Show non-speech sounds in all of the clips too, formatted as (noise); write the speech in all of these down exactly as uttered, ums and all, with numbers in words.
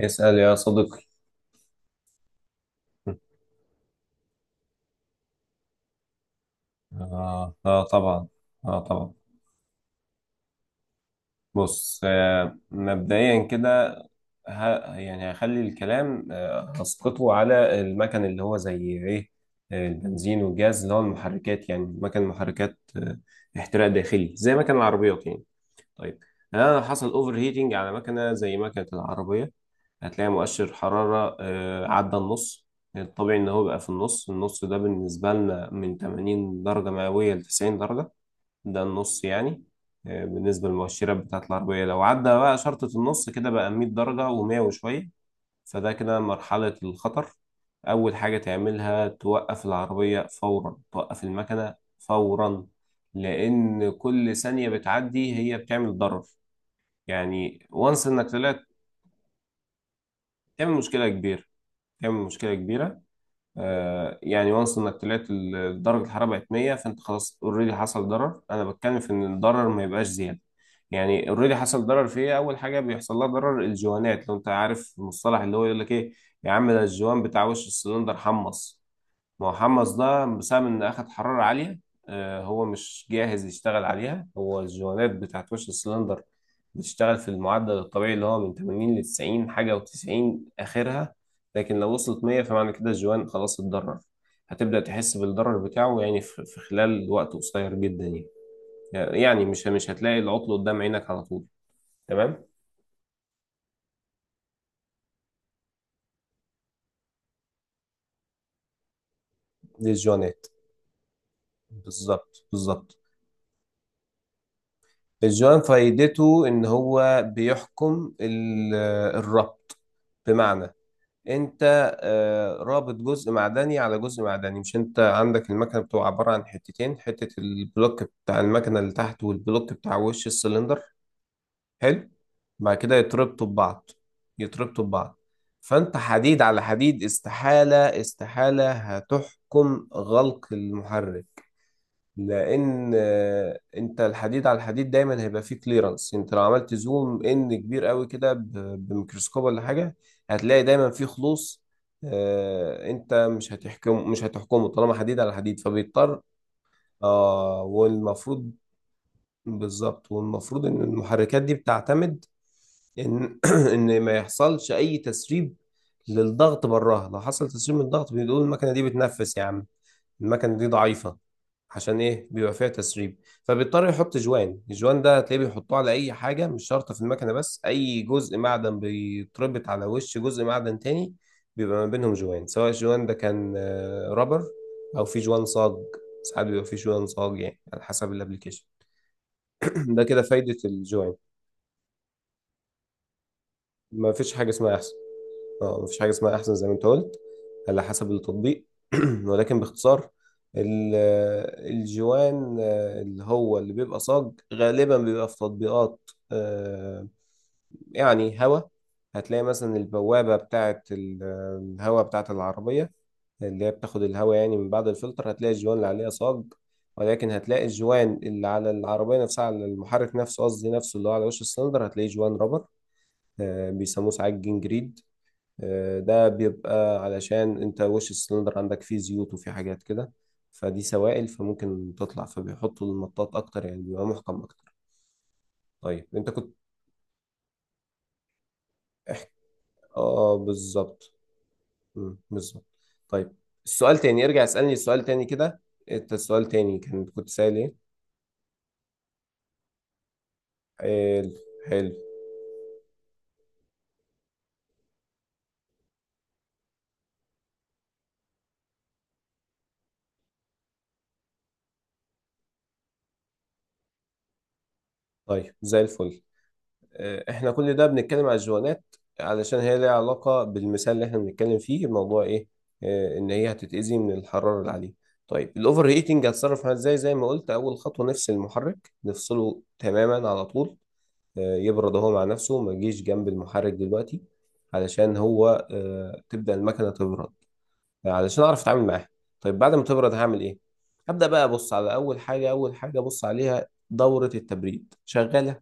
اسأل يا صديقي. آه, آه طبعا آه طبعا بص، آه مبدئيا كده، ه- يعني هخلي الكلام، آه هسقطه على المكن اللي هو زي إيه. آه، البنزين والجاز، اللي هو المحركات، يعني مكن محركات آه احتراق داخلي، زي مكن العربيات يعني. طيب، أنا لو حصل أوفر هيتنج على مكنة زي مكنة العربية، هتلاقي مؤشر حرارة آه عدى النص. الطبيعي إن هو بقى في النص، النص ده بالنسبة لنا من ثمانين درجة مئوية ل تسعين درجة، ده النص يعني. آه، بالنسبة للمؤشرات بتاعة العربية، لو عدى بقى شرطة النص كده بقى مية درجة و100 وشوية، فده كده مرحلة الخطر. أول حاجة تعملها توقف العربية فورا، توقف المكنة فورا، لأن كل ثانية بتعدي هي بتعمل ضرر. يعني وانس إنك طلعت. تعمل مشكلة كبيرة، تعمل مشكلة كبيرة. آه، يعني وانس انك طلعت، ال- درجه الحراره بقت مية، فانت خلاص اوريدي حصل ضرر. انا بتكلم في ان الضرر ما يبقاش زياده. يعني اوريدي حصل ضرر في ايه؟ اول حاجه بيحصل لها ضرر الجوانات. لو انت عارف المصطلح، اللي هو يقول لك ايه يا عم، ده الجوان بتاع وش السلندر حمص. ما هو حمص ده بسبب ان اخد حرارة عالية. آه، هو مش جاهز يشتغل عليها. هو الجوانات بتاعت وش السلندر بتشتغل في المعدل الطبيعي اللي هو من ثمانين ل تسعين حاجة و90 آخرها. لكن لو وصلت مية فمعنى كده الجوان خلاص اتضرر. هتبدأ تحس بالضرر بتاعه يعني في في خلال وقت قصير جدا يعني. يعني مش مش هتلاقي العطل قدام عينك على طول. تمام. دي الجوانات. بالظبط بالظبط. الجوان فايدته ان هو بيحكم ال- الربط. بمعنى انت، آه، رابط جزء معدني على جزء معدني، مش؟ انت عندك المكنه بتبقى عباره عن حتتين، حته البلوك بتاع المكنه اللي تحت، والبلوك بتاع وش السلندر. حلو. بعد كده يتربطوا ببعض، يتربطوا ببعض. فانت حديد على حديد، استحاله استحاله هتحكم غلق المحرك. لان آه، انت الحديد على الحديد دايما هيبقى فيه كليرنس. انت لو عملت زوم ان كبير قوي كده، ب- بميكروسكوب ولا حاجه، هتلاقي دايما فيه خلوص. آه، انت مش هتحكم، مش هتحكمه طالما حديد على حديد، فبيضطر. اه والمفروض. بالظبط، والمفروض ان المحركات دي بتعتمد ان (clears throat) ان ما يحصلش اي تسريب للضغط براها. لو حصل تسريب من الضغط بنقول المكنه دي بتنفس يا عم، المكنة دي ضعيفة. عشان ايه بيبقى فيها تسريب؟ فبيضطر يحط جوان. الجوان ده هتلاقيه بيحطوه على اي حاجة، مش شرط في المكنة بس، اي جزء معدن بيتربط على وش جزء معدن تاني بيبقى ما بينهم جوان. سواء الجوان ده كان آه، رابر او في جوان صاج. ساعات بيبقى في جوان صاج، يعني على حسب الابليكيشن. (clears throat) ده كده فايدة الجوان. ما فيش حاجة اسمها احسن. اه مفيش حاجة اسمها أحسن زي ما أنت قلت، على حسب التطبيق. (clears throat) ولكن باختصار، ال- الجوان، آه، اللي هو اللي بيبقى صاج غالبا بيبقى في تطبيقات، آه، يعني هوا، هتلاقي مثلا البوابة بتاعة ال- الهوا بتاعة العربية، اللي هي بتاخد الهوا يعني من بعد الفلتر، هتلاقي الجوان اللي عليها صاج. ولكن هتلاقي الجوان اللي على العربية نفسها، على المحرك نفسه قصدي، نفسه اللي هو على وش السلندر، هتلاقيه جوان رابر. آه، بيسموه ساعات جنجريد. آه، ده بيبقى علشان انت وش السلندر عندك فيه زيوت وفيه حاجات كده، فدي سوائل فممكن تطلع، فبيحطوا المطاط اكتر يعني، بيبقى محكم اكتر. طيب انت كنت، اه، آه، بالظبط. مم، بالظبط. طيب، السؤال تاني، ارجع اسألني السؤال تاني كده. انت السؤال تاني كان كنت سائل ايه؟ حلو. حلو. طيب زي الفل. آه، احنا كل ده بنتكلم على الجوانات علشان هي ليها علاقة بالمثال اللي احنا بنتكلم فيه. الموضوع ايه؟ آه، ان هي هتتأذي من الحرارة العالية. طيب الاوفر هيتنج هتصرف معاه ازاي؟ زي ما قلت اول خطوة نفس المحرك نفصله تماما على طول. آه، يبرد هو مع نفسه، ما يجيش جنب المحرك دلوقتي، علشان هو، آه، تبدأ المكنة تبرد علشان اعرف اتعامل معاها. طيب بعد ما تبرد هعمل ايه؟ هبدأ بقى ابص على اول حاجة. اول حاجة ابص عليها دورة التبريد شغالة،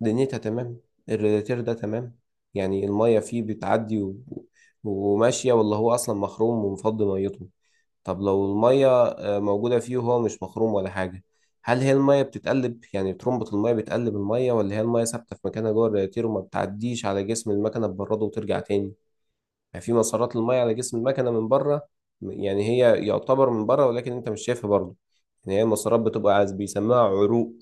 دنيتها تمام، الرادياتير ده تمام، يعني المية فيه بتعدي و... وماشية، ولا هو أصلا مخروم ومفضي ميته. طب لو المية آه، موجودة فيه وهو مش مخروم ولا حاجة، هل هي المية بتتقلب، يعني ترمبة المية بتقلب المية، ولا هي المية ثابتة في مكانها جوه الرادياتير وما بتعديش على جسم المكنة تبرده وترجع تاني؟ يعني في مسارات المية على جسم المكنة من بره. يعني هي يعتبر من بره ولكن أنت مش شايفها برضه. يعني هي المسارات بتبقى عايز بيسموها عروق.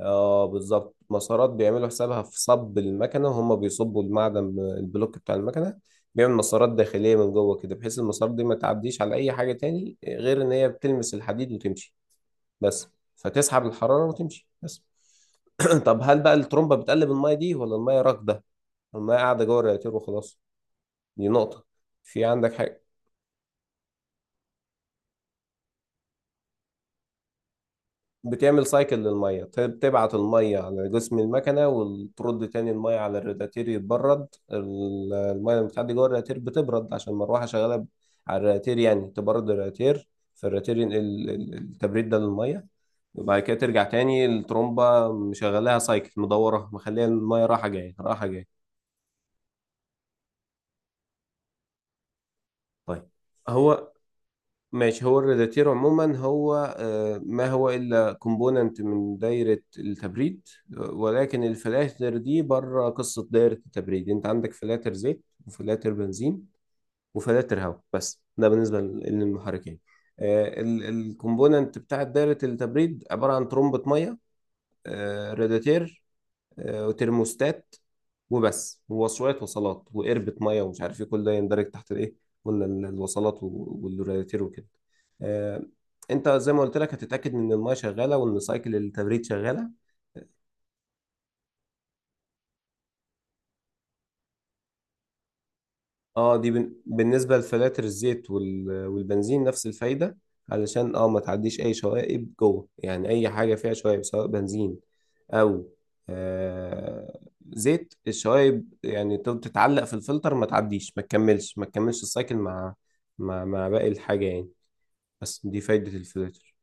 اه بالظبط، مسارات بيعملوا حسابها في صب المكنه، وهم بيصبوا المعدن، ب- البلوك بتاع المكنه بيعمل مسارات داخليه من جوه كده، بحيث المسارات دي ما تعديش على اي حاجه تاني غير ان هي بتلمس الحديد وتمشي بس. فتسحب الحراره وتمشي بس. (clears throat) طب هل بقى الترمبه بتقلب الميه دي، ولا الميه راكده، الميه قاعده جوه الرياتير وخلاص؟ دي نقطه. في عندك، بتعمل سايكل للميه. ت- بتبعت الميه على جسم المكنه وترد تاني الميه على الرادياتير يتبرد. ال- الميه اللي بتعدي جوه الرادياتير بتبرد عشان المروحه شغاله، ب- على الرادياتير، يعني تبرد الرادياتير، فالرادياتير ينقل ال- ال- التبريد ده للميه. وبعد كده ترجع تاني الترومبه مشغلاها سايكل مدوره مخليها الميه رايحه جايه رايحه جايه. طيب هو، ماشي. هو الريداتير عموما هو، آه، ما هو إلا كومبوننت من دايرة التبريد. آه، ولكن الفلاتر دي بره قصة دايرة التبريد. انت عندك فلاتر زيت وفلاتر بنزين وفلاتر هواء، بس ده بالنسبة لل- للمحركين. الكومبوننت بتاعة دايرة التبريد عبارة عن ترمبة مية، آه، رادياتير، آه، وترموستات وبس، ووصلات، وصلات وقربة ميه ومش عارف ايه، كل ده يندرج تحت الايه. قلنا ال- الوصلات و- والرادياتير وكده. آه، انت زي ما قلت لك هتتاكد ان الميه شغاله وان سايكل التبريد شغاله. اه دي بن... بالنسبة لفلاتر الزيت وال... والبنزين، نفس الفايدة. علشان اه ما تعديش اي شوائب جوه، يعني اي حاجة فيها شوائب، سواء بنزين او آه زيت، الشوائب يعني تفضل تتعلق في الفلتر، ما تعديش، ما تكملش ما تكملش السايكل مع مع مع باقي الحاجة يعني. بس دي فايدة الفلاتر.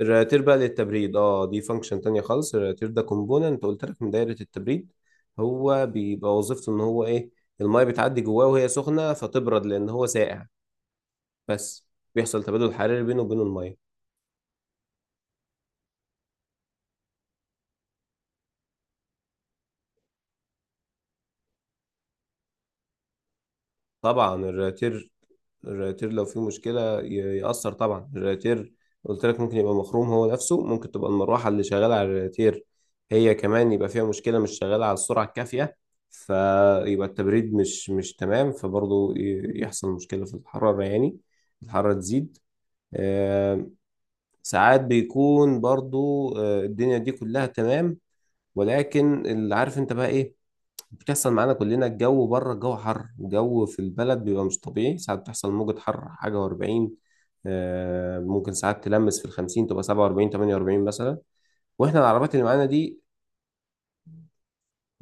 الرياتير بقى للتبريد، اه دي فانكشن تانية خالص. الرياتير ده كومبوننت قلت لك من دايرة التبريد. هو بيبقى وظيفته ان هو ايه؟ المية بتعدي جواه وهي سخنة فتبرد لان هو ساقع بس. بيحصل تبادل حراري بينه وبين المية. طبعا الرياتير، الرياتير لو فيه مشكلة ي- يأثر طبعا. الرياتير قلت لك ممكن يبقى مخروم هو نفسه، ممكن تبقى المروحة اللي شغالة على الرياتير هي كمان يبقى فيها مشكلة مش شغالة على السرعة الكافية، فيبقى التبريد مش مش تمام، فبرضه ي- يحصل مشكلة في الحرارة يعني، الحرارة تزيد. آم، ساعات بيكون برضه آه، الدنيا دي كلها تمام، ولكن اللي عارف انت بقى ايه، بتحصل معانا كلنا، الجو بره، الجو حر، الجو في البلد بيبقى مش طبيعي، ساعات بتحصل موجة حر حاجة وأربعين. آه، ممكن ساعات تلمس في الخمسين، تبقى سبعة وأربعين تمانية وأربعين مثلا. وإحنا العربيات اللي معانا دي،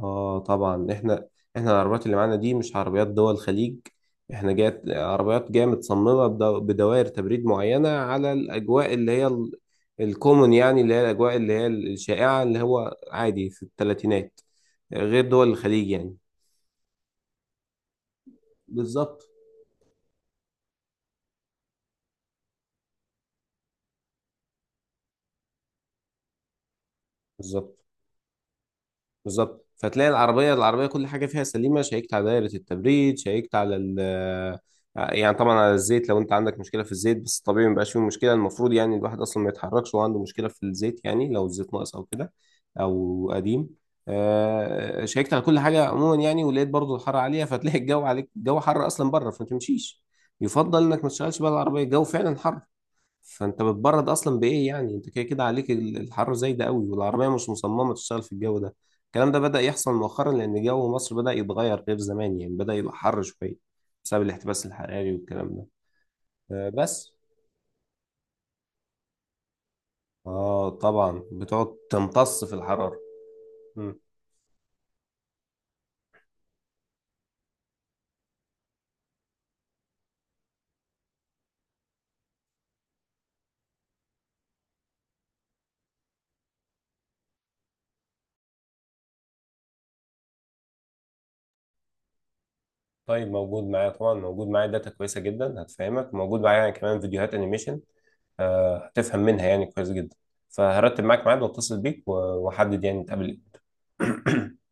آه طبعا. إحنا إحنا العربيات اللي معانا دي مش عربيات دول الخليج. إحنا جات عربيات جاية متصممة بدو- بدوائر تبريد معينة على الأجواء اللي هي ال- الكومن، يعني اللي هي الأجواء اللي هي الشائعة، اللي هو عادي في الثلاثينات، غير دول الخليج يعني. بالظبط. بالظبط بالظبط. فتلاقي العربية، العربية كل حاجة فيها سليمة، شيكت على دايرة التبريد، شيكت على ال، آه، يعني طبعا على الزيت، لو انت عندك مشكلة في الزيت، بس طبيعي ما بيبقاش فيه مشكلة، المفروض يعني الواحد اصلا ما يتحركش وهو عنده مشكلة في الزيت يعني، لو الزيت ناقص او كده او قديم، آه، شيكت على كل حاجة عموما يعني، ولقيت برضو الحر عالية، فتلاقي الجو عليك، الجو حر اصلا بره، فما تمشيش. يفضل انك ما تشتغلش بقى العربية، الجو فعلا حر، فانت بتبرد اصلا بايه يعني؟ انت كده كده عليك ال- الحر زي ده قوي، والعربيه مش مصممه تشتغل في الجو ده. الكلام ده بدا يحصل مؤخرا لان جو مصر بدا يتغير غير زمان، يعني بدا يبقى حر شويه بسبب الاحتباس الحراري والكلام ده. آه، بس. اه طبعا بتقعد تمتص في الحراره. مم. طيب موجود معايا، طبعا موجود معايا داتا كويسه جدا هتفهمك، موجود معايا يعني كمان فيديوهات انيميشن، آه، هتفهم منها يعني كويس جدا. فهرتب معاك ميعاد واتصل بيك و- واحدد يعني نتقابل إمتى. (clears throat)